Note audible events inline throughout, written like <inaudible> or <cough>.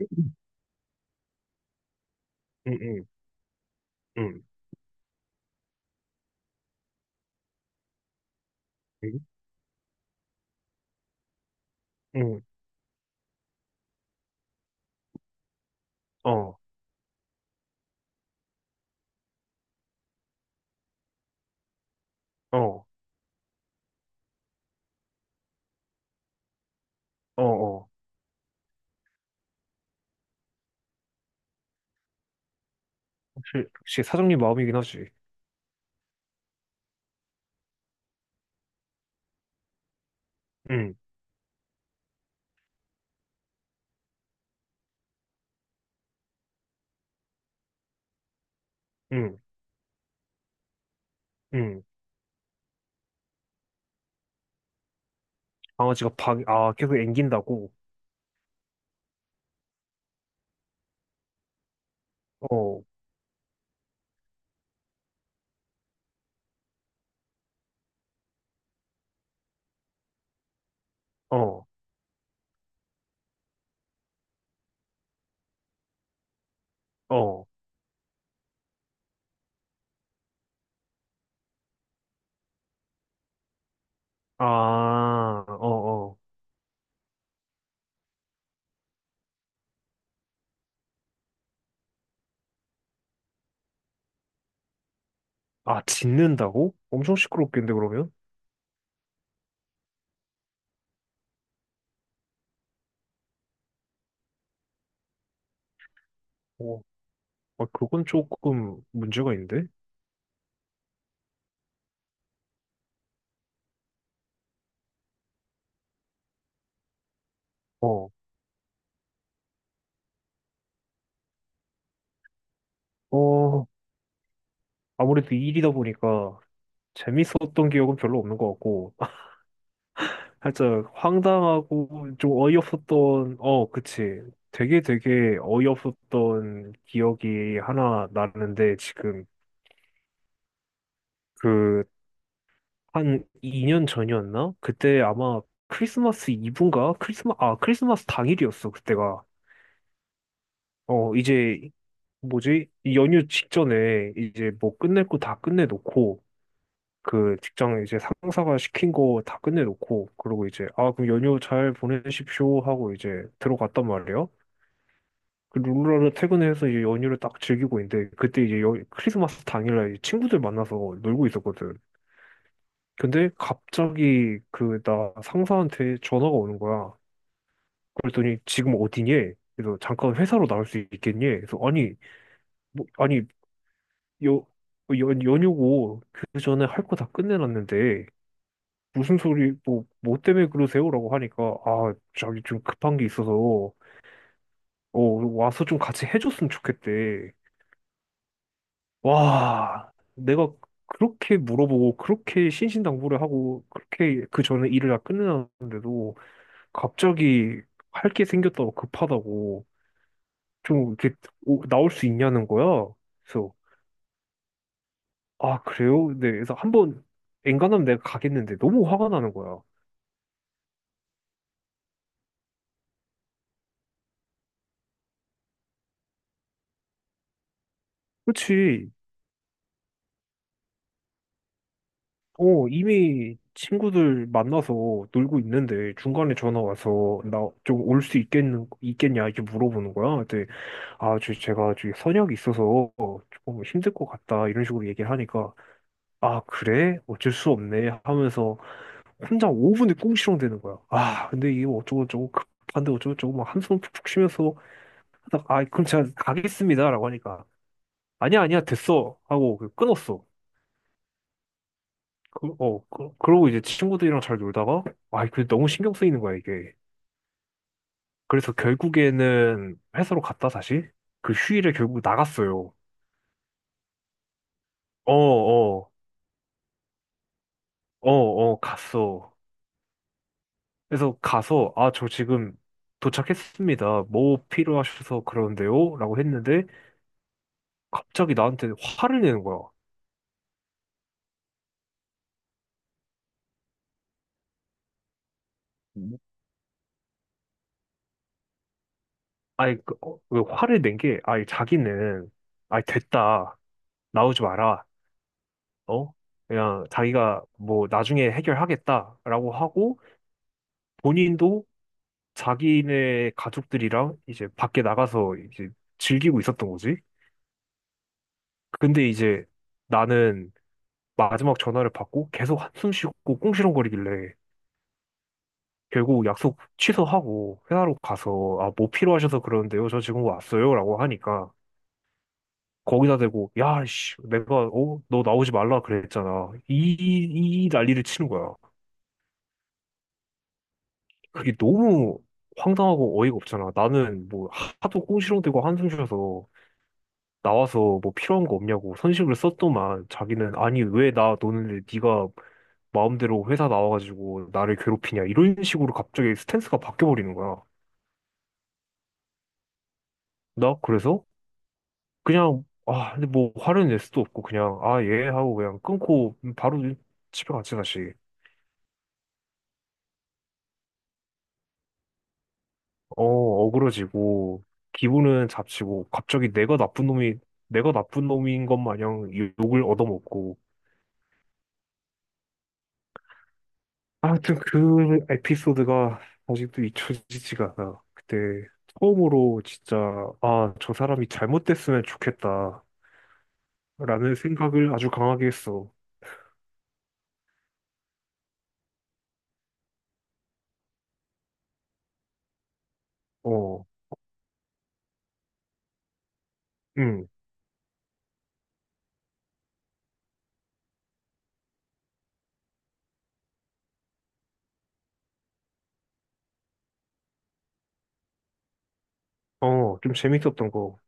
응, 응, 응, 응, 어, 어, 어, 어. 역시, 역시 사장님 마음이긴 하지. 응, 응, 응. 강아지가 방, 아, 계속 앵긴다고? 어, 어, 어. 아, 어, 어. 아, 짖는다고? 엄청 시끄럽겠는데, 그러면? 어, 아, 그건 조금 문제가 있는데? 어, 어. 아무래도 일이다 보니까 재밌었던 기억은 별로 없는 것 같고, 살짝 황당하고 좀 어이없었던, 어, 그치. 되게 되게 어이없었던 기억이 하나 나는데 지금, 그 한 2년 전이었나? 그때 아마 크리스마스 이브인가? 크리스마스 당일이었어, 그때가. 어, 이제 뭐지? 이 연휴 직전에 이제 뭐 끝낼 거 다 끝내놓고 그 직장 이제 상사가 시킨 거 다 끝내놓고 그러고 이제, 아, 그럼 연휴 잘 보내십시오 하고 이제 들어갔단 말이야. 그 룰루라도 퇴근해서 이제 연휴를 딱 즐기고 있는데 그때 이제 크리스마스 당일날 이제 친구들 만나서 놀고 있었거든. 근데 갑자기 그 나 상사한테 전화가 오는 거야. 그랬더니 지금 어디니? 그래서 잠깐 회사로 나올 수 있겠니? 그래서 아니, 뭐 아니 여 연, 연휴고 그 전에 할 거 다 끝내놨는데 무슨 소리, 뭐 때문에 그러세요라고 하니까, 아 저기 좀 급한 게 있어서 어 와서 좀 같이 해줬으면 좋겠대. 와, 내가 그렇게 물어보고, 그렇게 신신당부를 하고, 그렇게 그 전에 일을 다 끝내놨는데도, 갑자기 할 게 생겼다고, 급하다고, 좀 이렇게 나올 수 있냐는 거야. 그래서, 아, 그래요? 네, 그래서 한번, 엔간하면 내가 가겠는데, 너무 화가 나는 거야. 그치. 어, 이미 친구들 만나서 놀고 있는데, 중간에 전화 와서, 나 좀 올 수 있겠는, 있겠냐, 이렇게 물어보는 거야. 네. 아, 저, 제가 저기 선약이 있어서 조금 힘들 것 같다 이런 식으로 얘기를 하니까, 아, 그래? 어쩔 수 없네 하면서 혼자 5분을 꽁시렁 대는 거야. 아, 근데 이게 어쩌고저쩌고 급한데 어쩌고저쩌고 막 한숨 푹푹 쉬면서 하다가, 아, 그럼 제가 가겠습니다라고 하니까 아니야 아니야 됐어 하고 그 끊었어. 그러고 이제 친구들이랑 잘 놀다가, 아, 그 너무 신경 쓰이는 거야 이게. 그래서 결국에는 회사로 갔다 다시 그 휴일에 결국 나갔어요. 어, 어, 어, 어, 갔어. 그래서 가서, 아, 저 지금 도착했습니다. 뭐 필요하셔서 그러는데요? 라고 했는데, 갑자기 나한테 화를 내는 거야. 음. 아니, 그, 어, 그 화를 낸 게, 아니, 자기는, 아니, 됐다. 나오지 마라. 어? 그냥 자기가 뭐 나중에 해결하겠다라고 하고, 본인도 자기네 가족들이랑 이제 밖에 나가서 이제 즐기고 있었던 거지. 근데 이제 나는 마지막 전화를 받고 계속 한숨 쉬고 꽁시렁거리길래, 결국 약속 취소하고 회사로 가서, 아, 뭐 필요하셔서 그러는데요. 저 지금 왔어요. 라고 하니까 거기다 대고, 야, 씨, 내가 어, 너 나오지 말라 그랬잖아. 이 난리를 치는 거야. 그게 너무 황당하고 어이가 없잖아. 나는 뭐 하도 꽁시렁대고 한숨 쉬어서 나와서 뭐 필요한 거 없냐고 선심을 썼더만, 자기는 아니 왜 나 노는데 네가 마음대로 회사 나와가지고 나를 괴롭히냐 이런 식으로 갑자기 스탠스가 바뀌어버리는 거야. 나 그래서 그냥, 아 근데 뭐 화를 낼 수도 없고 그냥 아 예 하고 그냥 끊고 바로 집에 갔지 다시. 어 어그러지고, 기분은 잡치고, 갑자기 내가 나쁜 놈이, 내가 나쁜 놈인 것 마냥 욕을 얻어먹고. 하여튼 그 에피소드가 아직도 잊혀지지가 않아. 그때 처음으로 진짜, 아 저 사람이 잘못됐으면 좋겠다 라는 생각을 아주 강하게 했어. 어. 응. 어, 좀 재밌었던 거.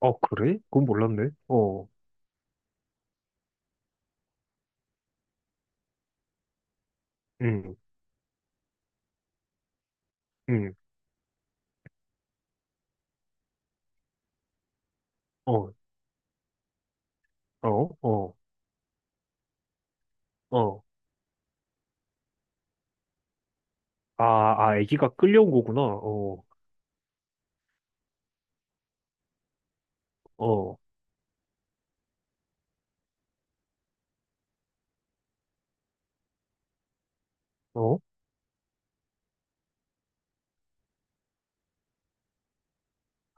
어, 그래? 그건 몰랐네. 어. 응, 응, 어, 어, 어, 어. 아, 아, 애기가 끌려온 거구나. 어, 어, 어.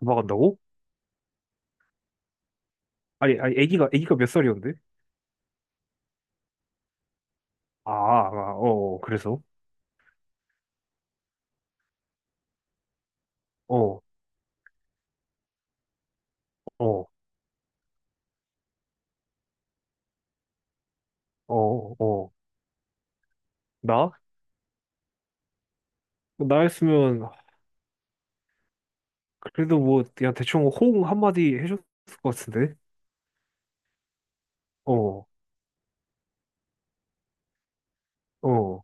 도망간다고? 아니, 아니, 아기가 몇 살이었는데? 아, 아, 어, 그래서? 어, 어, 어, 어. 나? 나였으면, 그래도 뭐, 그냥 대충 호응 한마디 해줬을 것 같은데? 어, 어,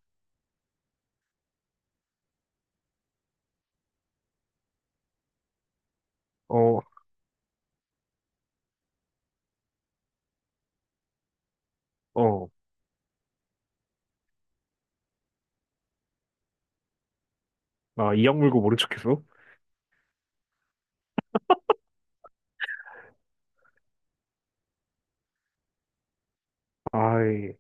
어, 어. 아, 이악 물고 모른 척했어? 아이,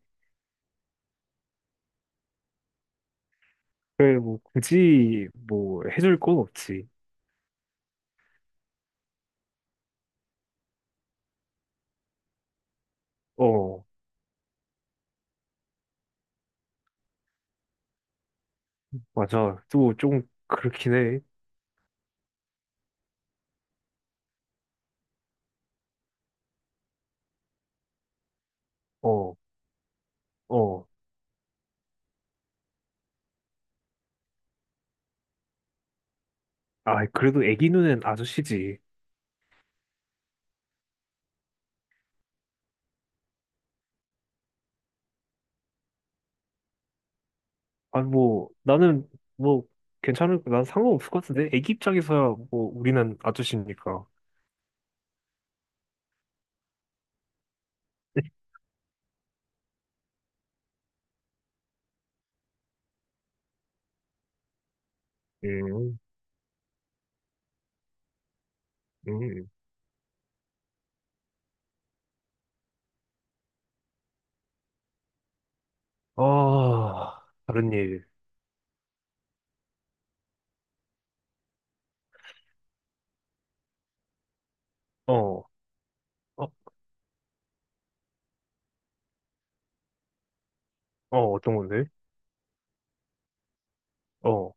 그래, 뭐, 굳이, 뭐, 해줄 건 없지. 어, 맞아. 또, 좀, 그렇긴 해. 어, 어. 아, 그래도 애기 눈엔 아저씨지. 아, 뭐, 나는, 뭐, 괜찮을, 난 상관없을 것 같은데? 애기 입장에서야, 뭐, 우리는 아저씨니까. <laughs> 음, 음. 아, 다른 일. 어, 어, 어, 어떤 건데? 어,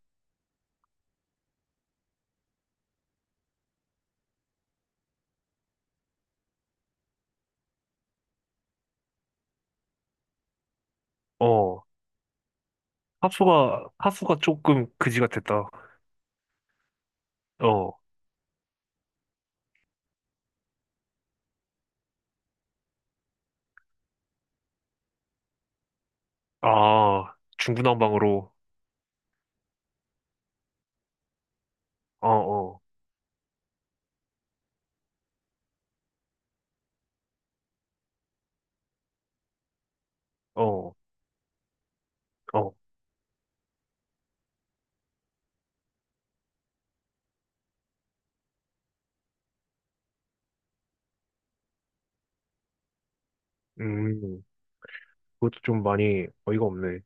어. 하수가 조금 그지 같았다. 어, 아, 중구난방으로. 어, 어, 어, 어. 음, 그것도 좀 많이 어이가 없네.